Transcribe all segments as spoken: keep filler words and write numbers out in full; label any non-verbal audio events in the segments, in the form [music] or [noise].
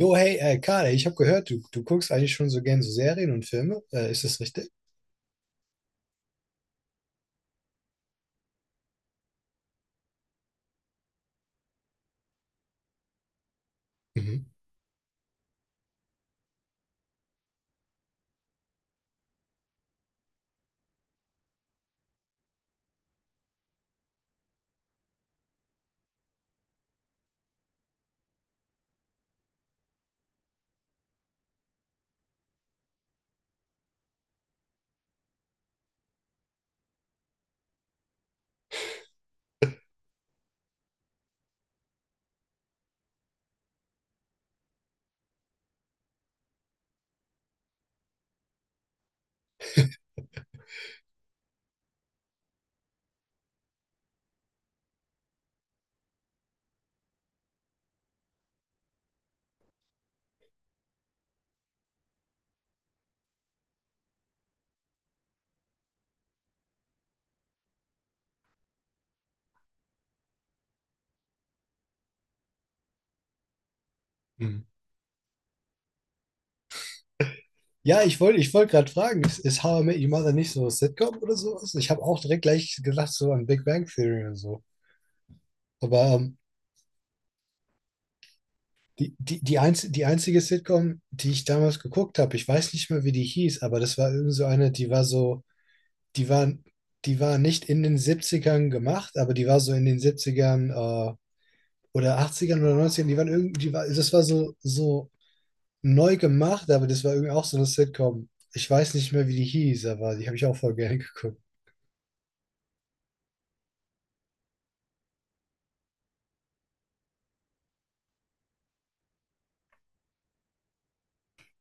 Jo, hey, äh, Karl, ich habe gehört, du, du guckst eigentlich schon so gern so Serien und Filme. Äh, ist das richtig? Mhm. Mhm. Ja, ich wollte ich wollt gerade fragen, ist, ist How I Met Your Mother nicht so ein Sitcom oder sowas? Ich habe auch direkt gleich gedacht, so an Big Bang Theory und so. Aber ähm, die, die, die, einz die einzige Sitcom, die ich damals geguckt habe, ich weiß nicht mehr, wie die hieß, aber das war irgend so eine, die war so, die war, die war nicht in den Siebzigern gemacht, aber die war so in den Siebzigern äh, oder Achtzigern oder Neunzigern, die waren irgendwie, die war, das war so, so neu gemacht, aber das war irgendwie auch so eine Sitcom. Ich weiß nicht mehr, wie die hieß, aber die habe ich auch voll gerne geguckt.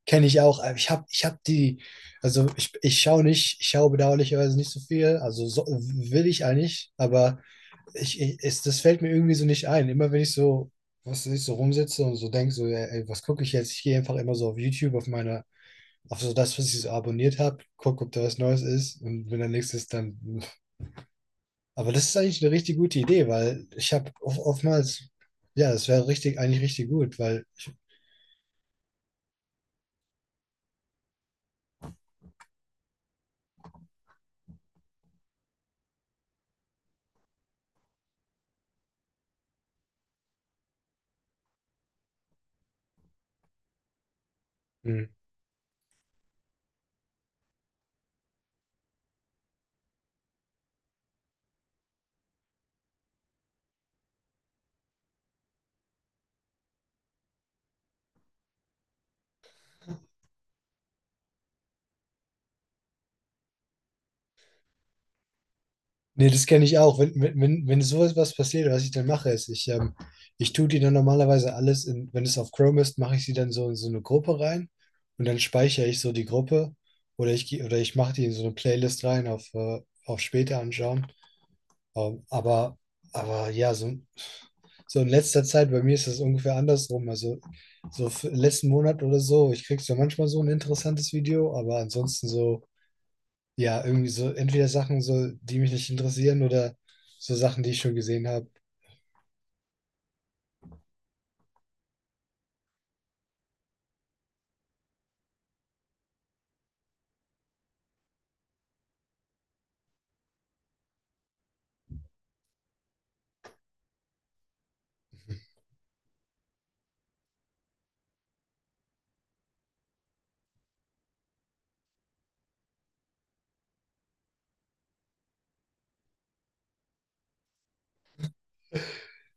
Kenne ich auch. Aber Ich habe ich hab die, also ich, ich schaue nicht, ich schaue bedauerlicherweise nicht so viel, also so, will ich eigentlich, aber ich, ich, es, das fällt mir irgendwie so nicht ein. Immer wenn ich so, was weiß ich, so rumsitze und so denke, so, ey, ey, was gucke ich jetzt? Ich gehe einfach immer so auf YouTube, auf meine, auf so das, was ich so abonniert habe, gucke, ob da was Neues ist und wenn da nichts ist, dann aber das ist eigentlich eine richtig gute Idee, weil ich habe of- oftmals, ja, das wäre richtig, eigentlich richtig gut, weil, mh, nee, das kenne ich auch. Wenn, wenn, wenn wenn sowas was passiert, was ich dann mache, ist, ich, ähm, ich tue die dann normalerweise alles in, wenn es auf Chrome ist, mache ich sie dann so in so eine Gruppe rein und dann speichere ich so die Gruppe oder ich, geh- oder ich mache die in so eine Playlist rein auf, äh, auf später anschauen. Ähm, aber, aber ja, so, so in letzter Zeit, bei mir ist das ungefähr andersrum. Also so f- letzten Monat oder so, ich krieg so manchmal so ein interessantes Video, aber ansonsten so, ja, irgendwie so entweder Sachen so, die mich nicht interessieren oder so Sachen, die ich schon gesehen habe.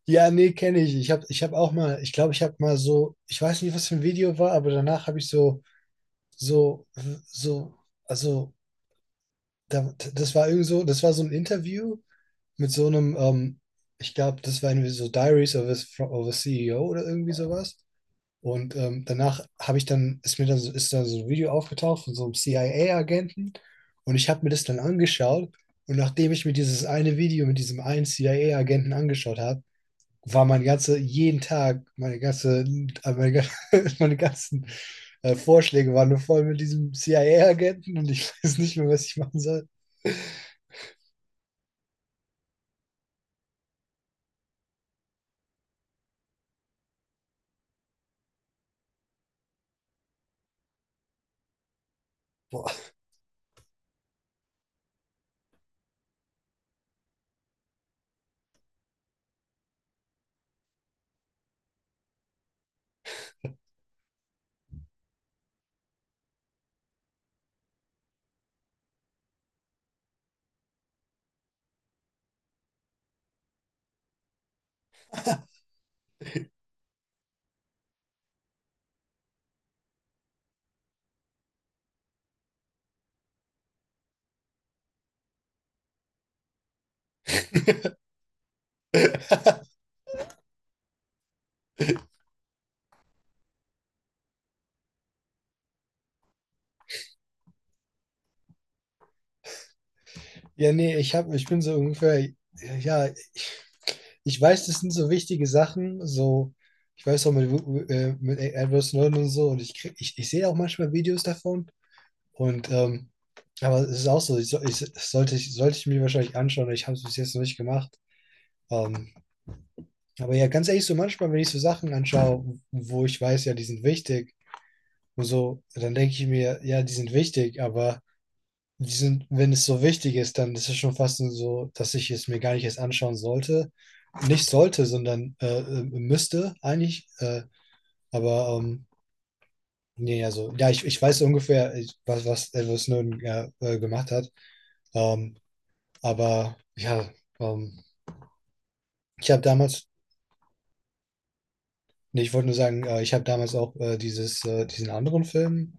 Ja, nee, kenne ich. Ich habe ich hab auch mal, ich glaube, ich habe mal so, ich weiß nicht, was für ein Video war, aber danach habe ich so, so, so, also, da, das war irgend so, das war so ein Interview mit so einem, ähm, ich glaube, das war irgendwie so Diaries of a, of a C E O oder irgendwie sowas. Und ähm, danach habe ich dann, ist mir dann so, ist da so ein Video aufgetaucht von so einem C I A-Agenten und ich habe mir das dann angeschaut. Und nachdem ich mir dieses eine Video mit diesem einen C I A-Agenten angeschaut habe, war mein ganze, jeden Tag, meine ganze, äh, meine, gan- [laughs] meine ganzen äh, Vorschläge waren nur voll mit diesem C I A-Agenten und ich [laughs] weiß nicht mehr, was ich machen soll. Boah. [laughs] Ja, nee, ich hab, ich bin so ungefähr, ja, ich, ich weiß, das sind so wichtige Sachen, so, ich weiß auch mit, äh, mit Edward Snowden und so, und ich krieg, ich, ich sehe auch manchmal Videos davon. Und ähm, aber es ist auch so, ich, so- ich, das sollte ich, sollte ich mir wahrscheinlich anschauen, ich habe es bis jetzt noch nicht gemacht. Ähm, aber ja, ganz ehrlich, so manchmal, wenn ich so Sachen anschaue, wo ich weiß, ja, die sind wichtig und so, dann denke ich mir, ja, die sind wichtig, aber die sind, wenn es so wichtig ist, dann ist es schon fast so, dass ich es mir gar nicht erst anschauen sollte. Nicht sollte, sondern äh, äh, müsste eigentlich. Äh, aber ähm, nee, also, ja, ich, ich weiß ungefähr, ich- was, was Edward Snowden ja, äh, gemacht hat. Ähm, aber ja, ähm, ich habe damals, nee, ich wollte nur sagen, äh, ich habe damals auch äh, dieses, äh, diesen anderen Film,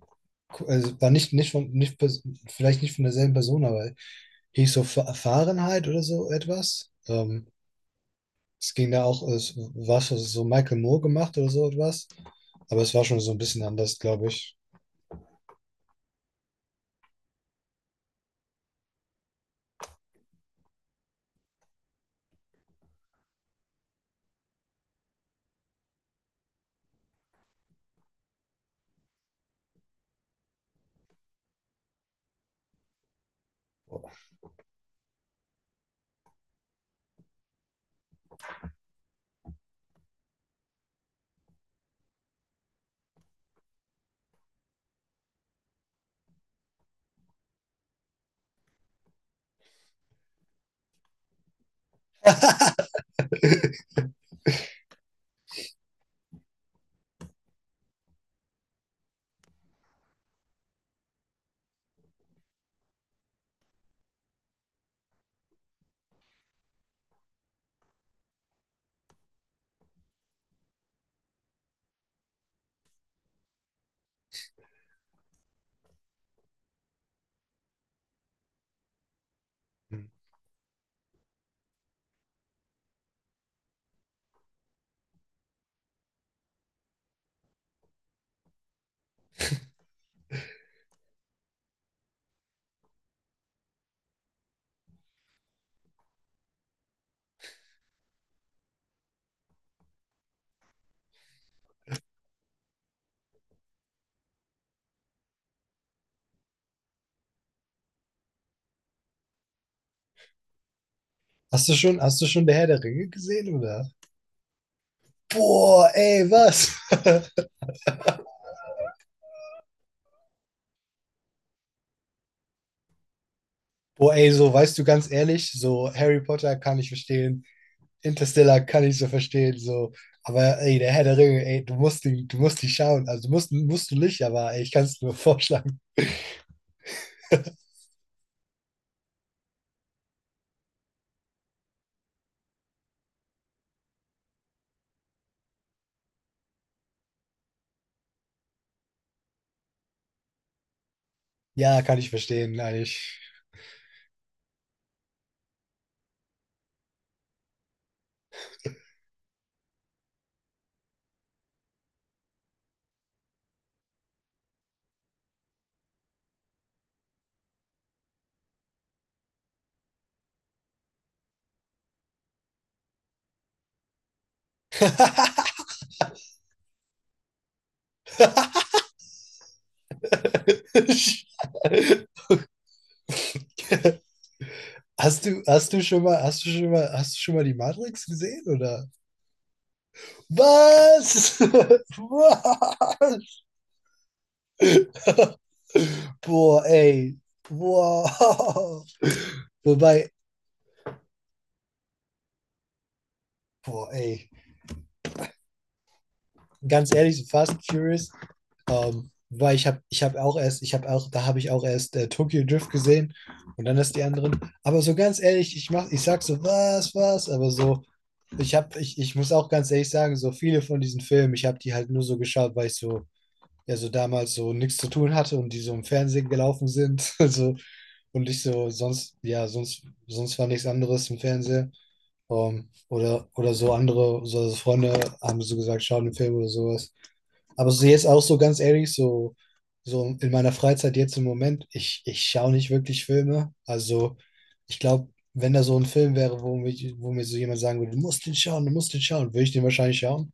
gu- also war nicht, nicht von, nicht, pers- vielleicht nicht von derselben Person, aber hieß so Fa- Fahrenheit oder so etwas. Ähm, Es ging da auch, es war schon so Michael Moore gemacht oder so etwas. Aber es war schon so ein bisschen anders, glaube ich. Hast du schon, hast du schon der Herr der Ringe gesehen, oder? Boah, ey, was? [laughs] Boah, ey, so, weißt du, ganz ehrlich, so Harry Potter kann ich verstehen, Interstellar kann ich so verstehen, so. Aber ey, der Herr der Ringe, ey, du musst die, du musst die schauen. Also, du musst, musst du nicht, aber ey, ich kann es nur vorschlagen. [laughs] Ja, kann ich verstehen, eigentlich. [laughs] Hast du, hast du schon mal, hast du schon mal, hast du schon mal die Matrix gesehen, oder? Was? [laughs] Wow. Boah, ey. Wow. [laughs] Wobei, boah, ey. Ganz ehrlich, so Fast and Furious Ähm, weil ich habe ich hab auch erst, ich habe auch, da habe ich auch erst äh, Tokyo Drift gesehen und dann erst die anderen. Aber so ganz ehrlich, ich mach, ich sag so, was, was, aber so, ich habe, ich, ich muss auch ganz ehrlich sagen, so viele von diesen Filmen, ich habe die halt nur so geschaut, weil ich so, ja, so damals so nichts zu tun hatte und die so im Fernsehen gelaufen sind. [laughs] Also, und ich so, sonst, ja, sonst, sonst war nichts anderes im Fernsehen. Ähm, oder, oder so andere, so Freunde haben so gesagt, schau den Film oder sowas. Aber so jetzt auch so ganz ehrlich, so, so in meiner Freizeit jetzt im Moment, ich, ich schaue nicht wirklich Filme. Also ich glaube, wenn da so ein Film wäre, wo, mich, wo mir so jemand sagen würde, du musst den schauen, du musst den schauen, würde ich den wahrscheinlich schauen.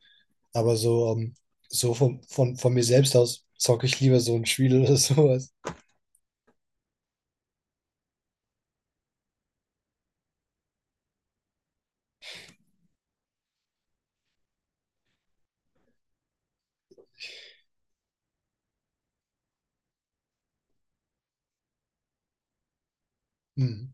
Aber so, ähm, so von, von, von mir selbst aus zocke ich lieber so ein Spiel oder sowas. Hm.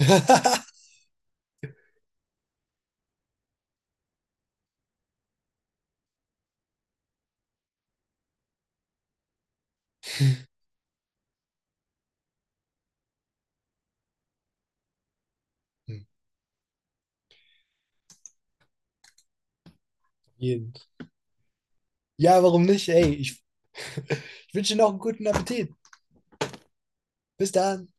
[laughs] Hm. Jeden. Ja, warum nicht? Ey, ich, [laughs] ich wünsche dir noch einen guten Appetit. Bis dann.